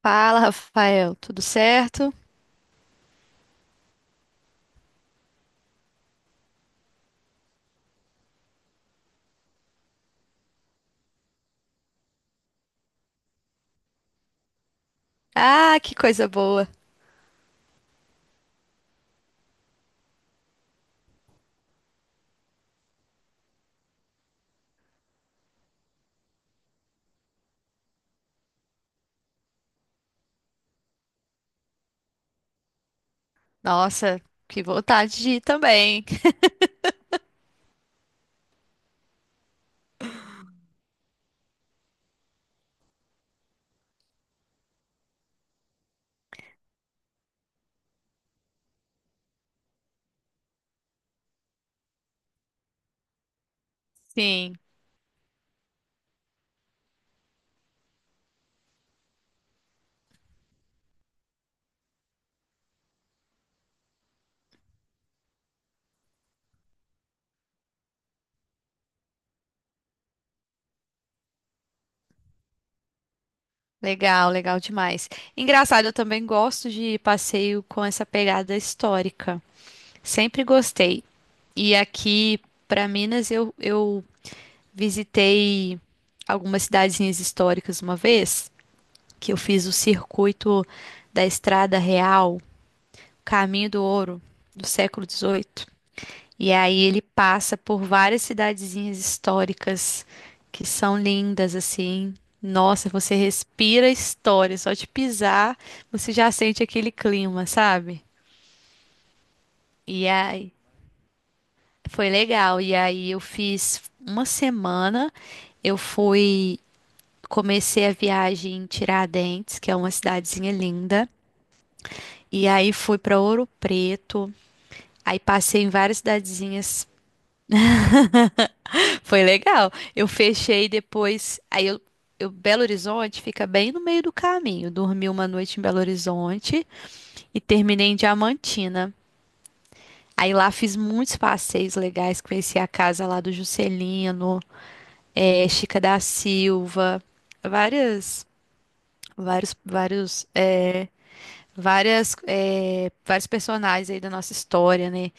Fala, Rafael, tudo certo? Ah, que coisa boa. Nossa, que vontade de ir também. Sim, legal, legal demais. Engraçado, eu também gosto de passeio com essa pegada histórica. Sempre gostei. E aqui para Minas eu visitei algumas cidadezinhas históricas uma vez, que eu fiz o circuito da Estrada Real, Caminho do Ouro, do século XVIII. E aí ele passa por várias cidadezinhas históricas que são lindas assim. Nossa, você respira história, só de pisar você já sente aquele clima, sabe? E aí foi legal. E aí eu fiz uma semana, eu fui comecei a viagem em Tiradentes, que é uma cidadezinha linda, e aí fui para Ouro Preto. Aí passei em várias cidadezinhas. Foi legal. Eu fechei depois. Belo Horizonte fica bem no meio do caminho. Dormi uma noite em Belo Horizonte e terminei em Diamantina. Aí lá fiz muitos passeios legais, conheci a casa lá do Juscelino, Chica da Silva, várias, vários, vários, eh, várias, eh, vários personagens aí da nossa história, né?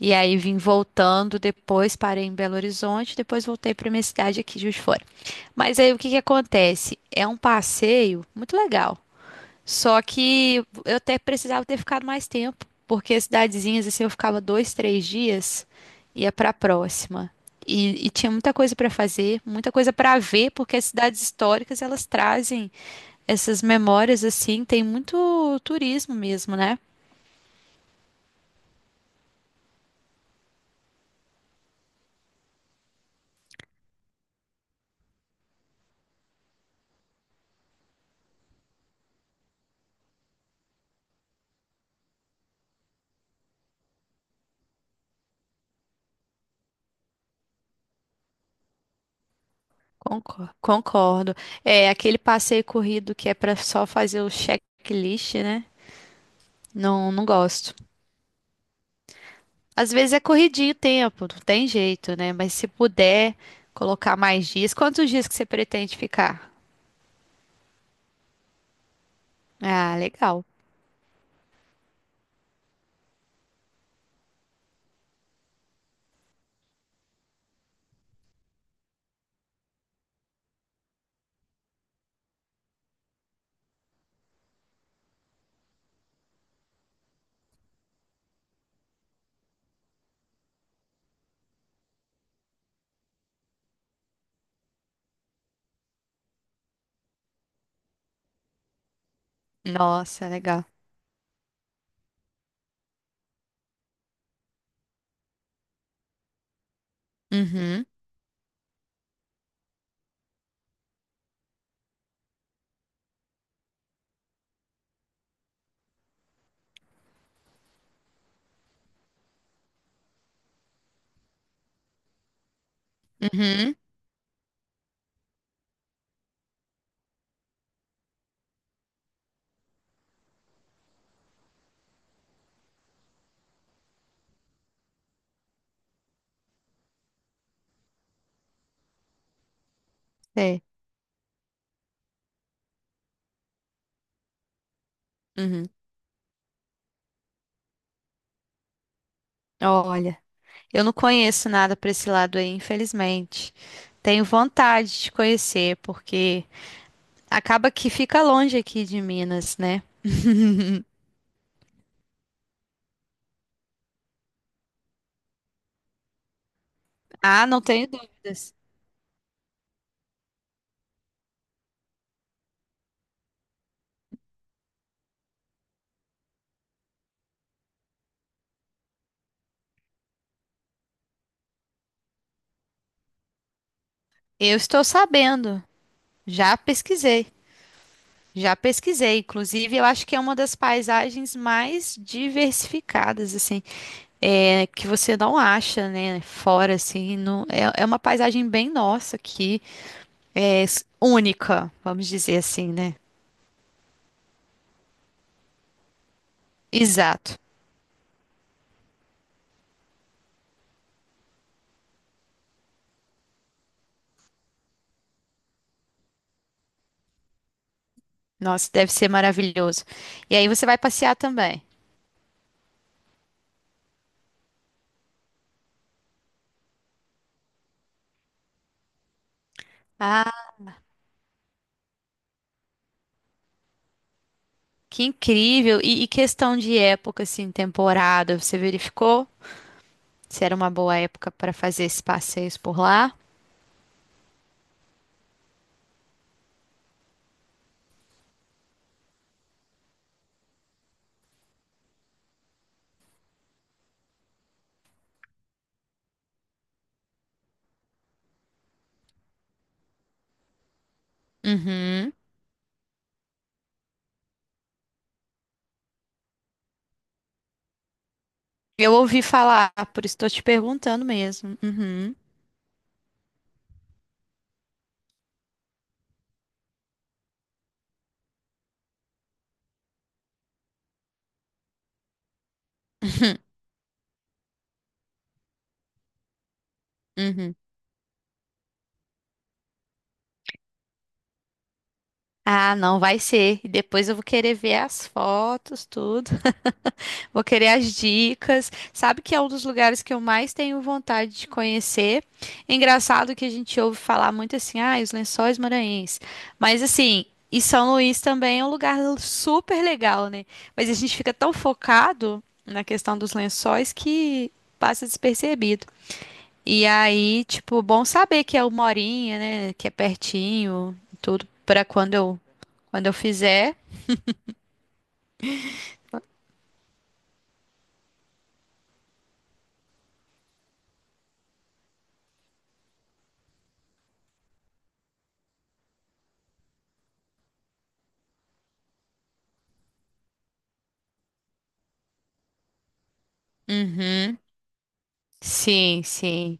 E aí vim voltando depois, parei em Belo Horizonte, depois voltei para minha cidade aqui, de Juiz de Fora. Mas aí o que que acontece? É um passeio muito legal, só que eu até precisava ter ficado mais tempo, porque as cidadezinhas, assim, eu ficava dois, três dias, ia para a próxima. E tinha muita coisa para fazer, muita coisa para ver, porque as cidades históricas elas trazem essas memórias, assim, tem muito turismo mesmo, né? Concordo. É aquele passeio corrido que é pra só fazer o checklist, né? Não, não gosto. Às vezes é corridinho o tempo, não tem jeito, né? Mas se puder colocar mais dias, quantos dias que você pretende ficar? Ah, legal. Nossa, legal. Uhum, uhum, é. Uhum. Olha, eu não conheço nada para esse lado aí, infelizmente. Tenho vontade de conhecer, porque acaba que fica longe aqui de Minas, né? Ah, não tenho dúvidas. Eu estou sabendo. Já pesquisei. Já pesquisei. Inclusive, eu acho que é uma das paisagens mais diversificadas, assim, é, que você não acha, né? Fora, assim, é, é uma paisagem bem nossa aqui, é única, vamos dizer assim, né? Exato. Nossa, deve ser maravilhoso. E aí você vai passear também. Ah, que incrível! E questão de época, assim, temporada, você verificou se era uma boa época para fazer esses passeios por lá? Uhum. Eu ouvi falar, por isso estou te perguntando mesmo. Uhum. Uhum. Ah, não vai ser. E depois eu vou querer ver as fotos, tudo. Vou querer as dicas. Sabe que é um dos lugares que eu mais tenho vontade de conhecer. Engraçado que a gente ouve falar muito assim, ah, os Lençóis Maranhenses. Mas assim, e São Luís também é um lugar super legal, né? Mas a gente fica tão focado na questão dos lençóis que passa despercebido. E aí, tipo, bom saber que é uma horinha, né? Que é pertinho, tudo para quando eu fizer. Uhum. Sim, sim.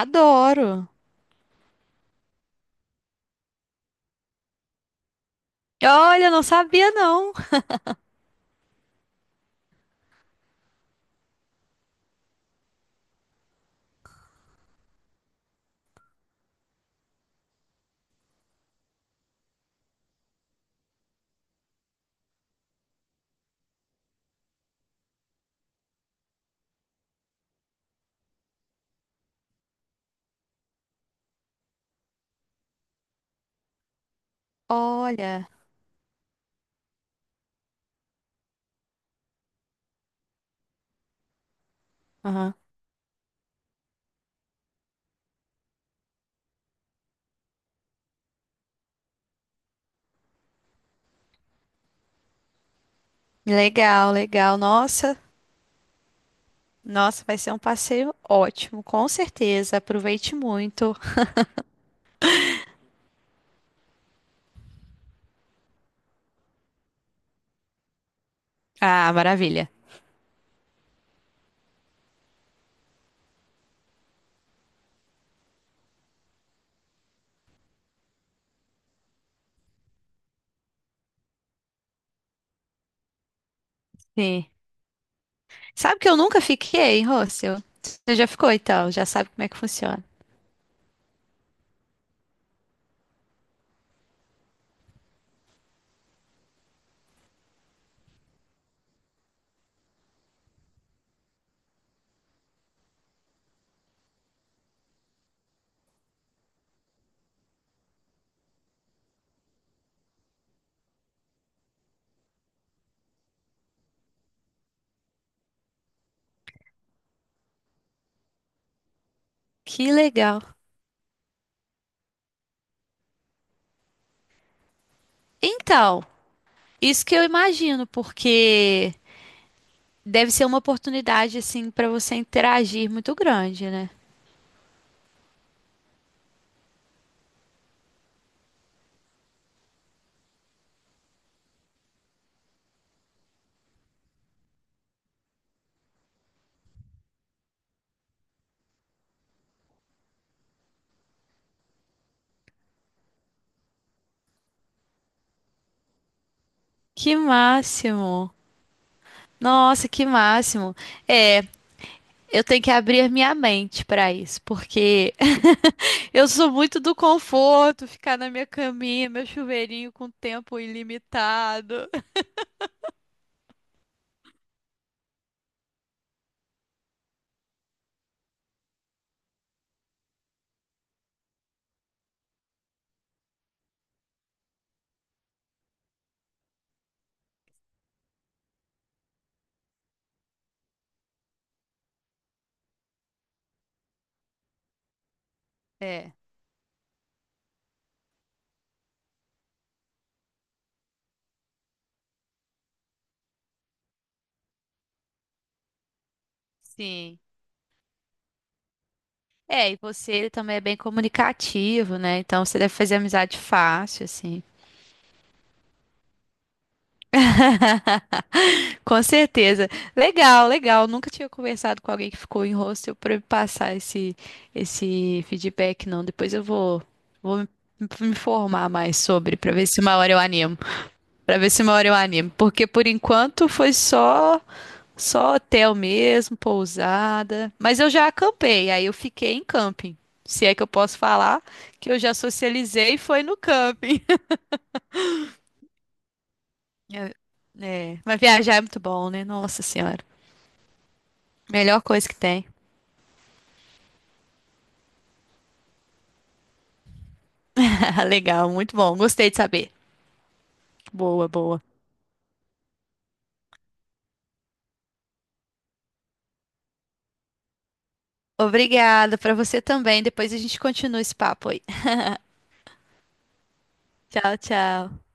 Adoro. Olha, não sabia não. Olha, aham. Legal, legal. Nossa, nossa, vai ser um passeio ótimo, com certeza. Aproveite muito. Ah, maravilha. Sim. Sabe que eu nunca fiquei, Rôssio? Você já ficou, então? Já sabe como é que funciona. Que legal. Então, isso que eu imagino, porque deve ser uma oportunidade, assim, para você interagir muito grande, né? Que máximo. Nossa, que máximo. É. Eu tenho que abrir minha mente para isso, porque eu sou muito do conforto, ficar na minha caminha, meu chuveirinho com tempo ilimitado. É, sim. É, e você ele também é bem comunicativo, né? Então você deve fazer amizade fácil, assim. Com certeza. Legal, legal. Nunca tinha conversado com alguém que ficou em hostel para me passar esse feedback, não. Depois eu vou, vou me informar mais sobre, para ver se uma hora eu animo. Pra ver se uma hora eu animo. Porque por enquanto foi só hotel mesmo, pousada. Mas eu já acampei, aí eu fiquei em camping. Se é que eu posso falar que eu já socializei foi no camping. É, é, mas viajar é muito bom, né? Nossa Senhora. Melhor coisa que tem. Legal, muito bom. Gostei de saber. Boa, boa. Obrigada pra você também. Depois a gente continua esse papo aí. Tchau, tchau.